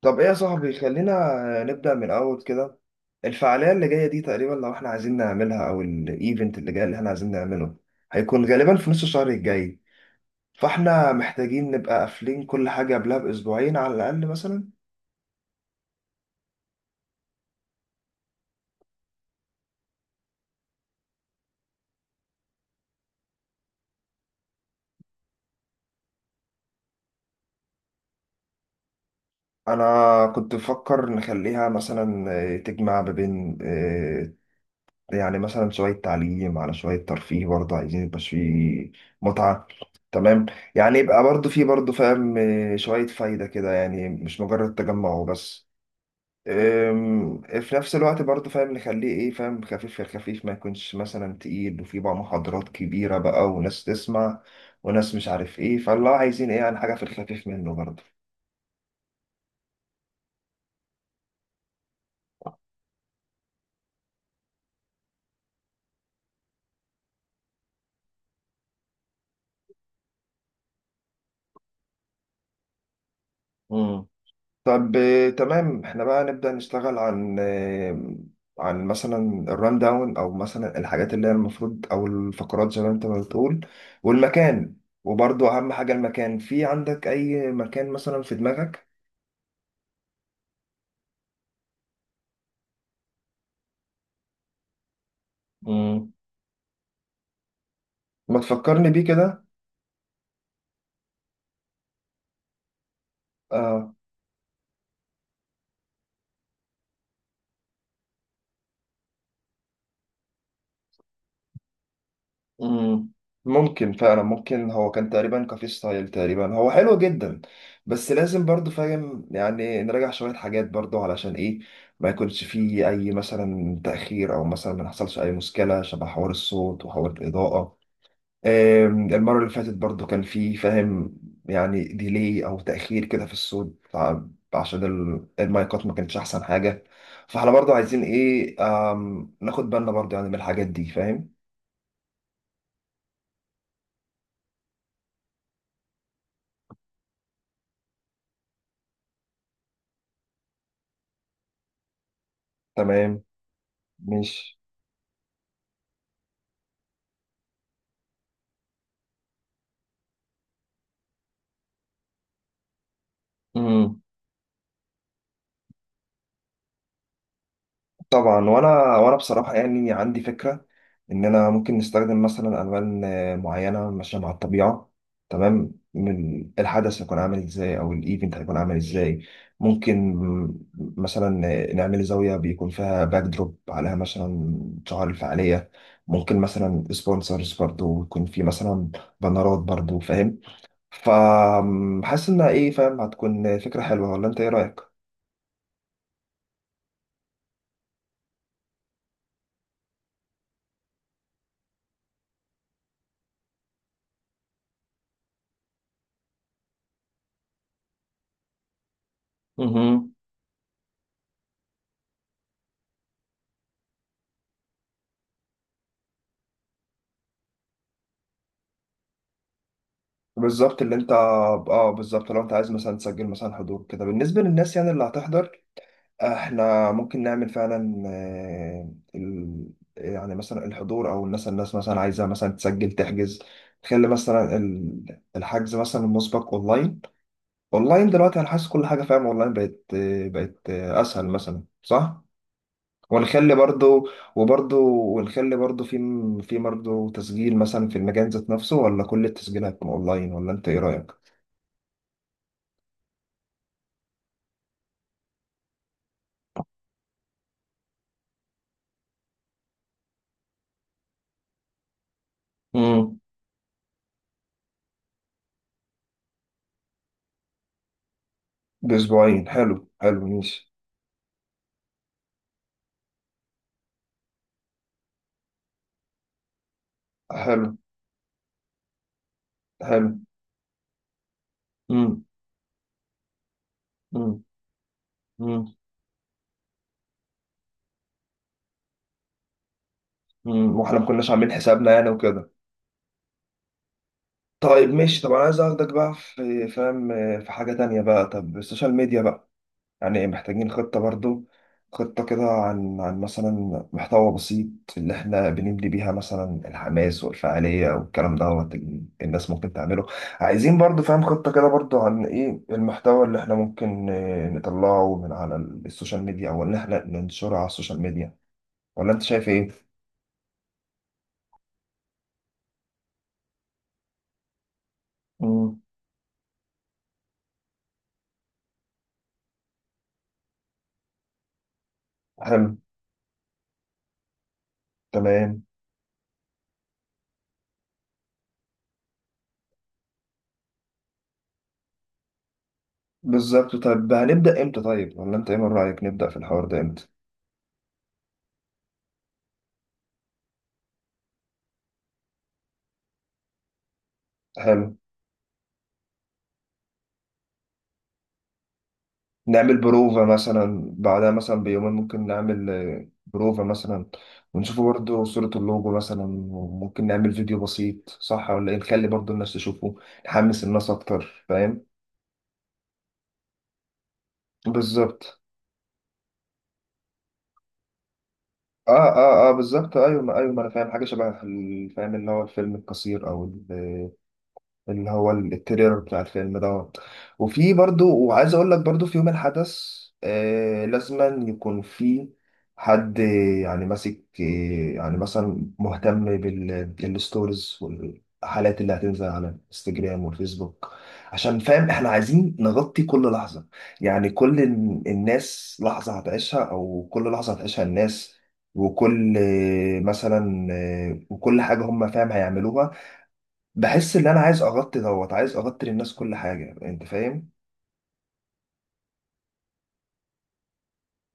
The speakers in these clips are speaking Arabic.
طب ايه يا صاحبي، خلينا نبدأ من اول كده. الفعالية اللي جاية دي تقريبا لو احنا عايزين نعملها، او الايفنت اللي جاي اللي احنا عايزين نعمله هيكون غالبا في نص الشهر الجاي. فاحنا محتاجين نبقى قافلين كل حاجة قبلها باسبوعين على الاقل مثلا. انا كنت بفكر نخليها مثلا تجمع ما بين يعني مثلا شوية تعليم على شوية ترفيه، برضه عايزين يبقى فيه متعة. تمام. يعني يبقى برضه فيه برضه فاهم شوية فايدة كده، يعني مش مجرد تجمع وبس. في نفس الوقت برضه فاهم نخليه ايه فاهم خفيف، في الخفيف ما يكونش مثلا تقيل وفي بقى محاضرات كبيرة بقى وناس تسمع وناس مش عارف ايه، فالله عايزين ايه عن حاجة في الخفيف منه برضه. امم. طب تمام، احنا بقى نبدأ نشتغل عن عن مثلا الران داون، او مثلا الحاجات اللي هي المفروض، او الفقرات زي ما انت ما بتقول، والمكان. وبرضه اهم حاجة المكان، في عندك اي مكان مثلا في دماغك؟ امم. ما تفكرني بيه كده. آه. مم. ممكن فعلا، ممكن هو كان تقريبا كافي ستايل تقريبا، هو حلو جدا. بس لازم برضو فاهم يعني نراجع شوية حاجات برضو، علشان ايه ما يكونش فيه اي مثلا تأخير، او مثلا ما نحصلش اي مشكلة شبه حوار الصوت وحوار الإضاءة. المرة اللي فاتت برضو كان فيه فاهم يعني ديلي او تأخير كده في الصوت، عشان المايكات ما كانتش احسن حاجة. فاحنا برضو عايزين ايه، ناخد بالنا برضو يعني من الحاجات دي فاهم. تمام. ماشي. امم. طبعا، وانا بصراحه يعني عندي فكره ان انا ممكن نستخدم مثلا الوان معينه ماشيه مع الطبيعه. تمام، من الحدث هيكون عامل ازاي، او الايفنت هيكون عامل ازاي. ممكن مثلا نعمل زاويه بيكون فيها باك دروب، عليها مثلا شعار الفعاليه. ممكن مثلا سبونسرز برضو يكون في مثلا بنرات برضو فاهم. فحاسس انها ايه فاهم هتكون فكره حلوه، ولا انت ايه رايك؟ بالظبط. اللي انت اه بالظبط، لو انت عايز مثلا تسجل مثلا حضور كده بالنسبه للناس يعني اللي هتحضر، احنا ممكن نعمل فعلا يعني مثلا الحضور، او الناس مثلا عايزه مثلا تسجل تحجز، تخلي مثلا الحجز مثلا المسبق اونلاين. اونلاين دلوقتي، انا حاسس كل حاجه فاهم اونلاين بقت اسهل مثلا، صح؟ ونخلي برضو وبرضو ونخلي برضو في برضو تسجيل مثلا في المجال ذات نفسه، ولا كل التسجيلات هتكون اونلاين؟ ولا انت ايه رايك؟ بأسبوعين. حلو، حلو، ماشي. حلو. حلو. مم. مم. مم. مم. واحنا ما كناش عاملين حسابنا يعني وكده. طيب ماشي، طب انا عايز اخدك بقى في حاجة تانية بقى. طب السوشيال ميديا بقى، يعني محتاجين خطة برضو، خطة كده عن مثلا محتوى بسيط اللي احنا بنبني بيها مثلا الحماس والفعالية والكلام دوت، الناس ممكن تعمله. عايزين برضو فاهم خطة كده برضو عن ايه المحتوى اللي احنا ممكن نطلعه من على السوشيال ميديا، او ان احنا ننشره على السوشيال ميديا. ولا انت شايف ايه؟ مم. حلو. تمام. بالظبط. طيب، هنبدأ امتى؟ طيب، ولا انت ايه من رأيك نبدأ في الحوار ده امتى؟ حلو. نعمل بروفة مثلا بعدها مثلا بيومين، ممكن نعمل بروفة مثلا، ونشوف برضو صورة اللوجو مثلا. وممكن نعمل فيديو بسيط، صح ولا ايه؟ نخلي برضو الناس تشوفه، نحمس الناس اكتر فاهم. بالظبط. اه، اه، اه، بالظبط. ايوه ما ايوه ما انا فاهم حاجة شبه فاهم اللي هو الفيلم القصير، او ال- اللي هو التريلر بتاع الفيلم دوت. وفي برضو، وعايز اقول لك برضو في يوم الحدث لازما يكون في حد، يعني ماسك يعني مثلا مهتم بالستوريز والحالات اللي هتنزل على الانستجرام والفيسبوك، عشان فاهم احنا عايزين نغطي كل لحظة. يعني كل الناس لحظة هتعيشها، او كل لحظة هتعيشها الناس، وكل مثلا وكل حاجة هم فاهم هيعملوها. بحس ان انا عايز اغطي للناس كل حاجه انت فاهم.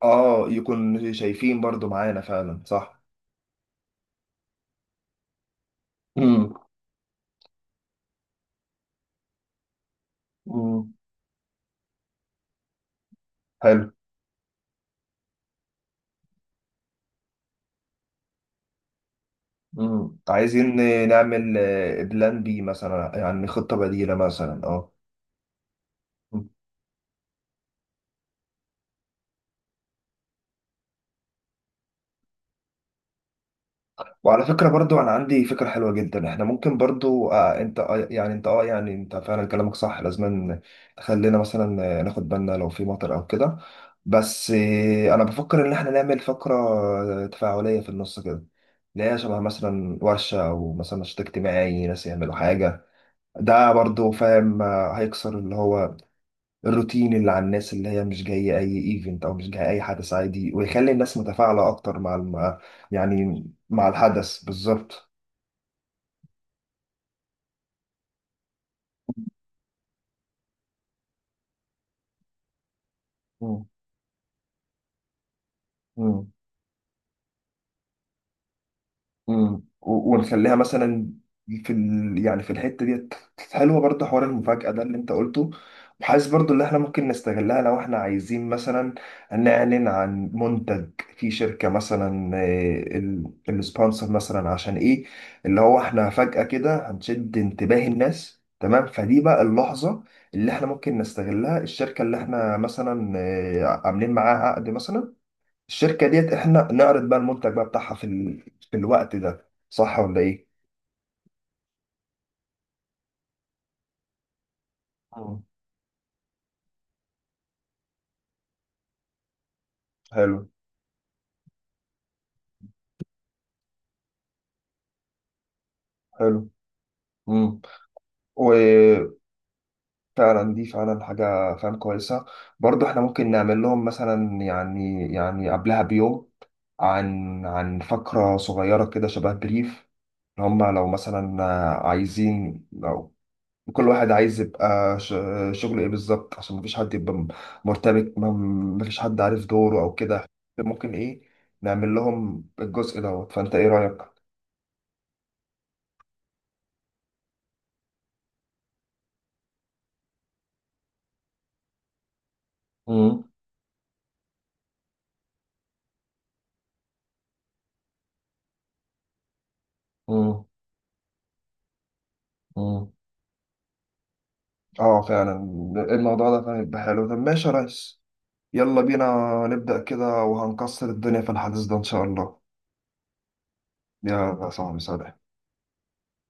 اه، يكون شايفين برضو معانا فعلا صح. امم. امم. حلو. امم. عايزين نعمل بلان بي مثلا، يعني خطه بديله مثلا، اه. وعلى فكرة برضو، أنا عندي فكرة حلوة جدا. إحنا ممكن برضو أنت يعني أنت يعني أنت فعلا كلامك صح، لازم خلينا مثلا ناخد بالنا لو في مطر أو كده. بس أنا بفكر إن إحنا نعمل فقرة تفاعلية في النص كده، اللي هي شبه مثلا ورشة، أو مثلا نشاط اجتماعي، ناس يعملوا حاجة. ده برضو فاهم هيكسر اللي هو الروتين، اللي على الناس اللي هي مش جاية أي إيفنت، أو مش جاية أي حدث عادي، ويخلي الناس متفاعلة أكتر مع يعني مع الحدث بالظبط. مم. مم. مم. ونخليها مثلا في يعني في الحته ديت، حلوه برضه. حوار المفاجاه ده اللي انت قلته، وحاسس برضه ان احنا ممكن نستغلها، لو احنا عايزين مثلا نعلن عن منتج في شركه مثلا السبونسر مثلا، عشان ايه، اللي هو احنا فجاه كده هنشد انتباه الناس، تمام. فدي بقى اللحظه اللي احنا ممكن نستغلها، الشركه اللي احنا مثلا عاملين معاها عقد مثلا، الشركة ديت احنا نعرض بقى المنتج بقى بتاعها في في الوقت ده، صح ولا ايه؟ مم. حلو. حلو. امم. وفعلا، دي فعلا حاجة فعلا كويسة. برضو احنا ممكن نعمل لهم مثلا يعني قبلها بيوم، عن فقرة صغيرة كده شبه بريف. هم لو مثلا عايزين، كل واحد عايز يبقى شغله ايه بالظبط، عشان مفيش حد يبقى مرتبك، مفيش حد عارف دوره او كده. ممكن ايه نعمل لهم الجزء دوت، فانت ايه رأيك؟ مم. مم. مم. اه فعلا، الموضوع ده فعلا يبقى حلو. طب ماشي يا ريس، يلا بينا نبدأ كده، وهنكسر الدنيا في الحديث ده ان شاء الله. يا صاحبي سلام.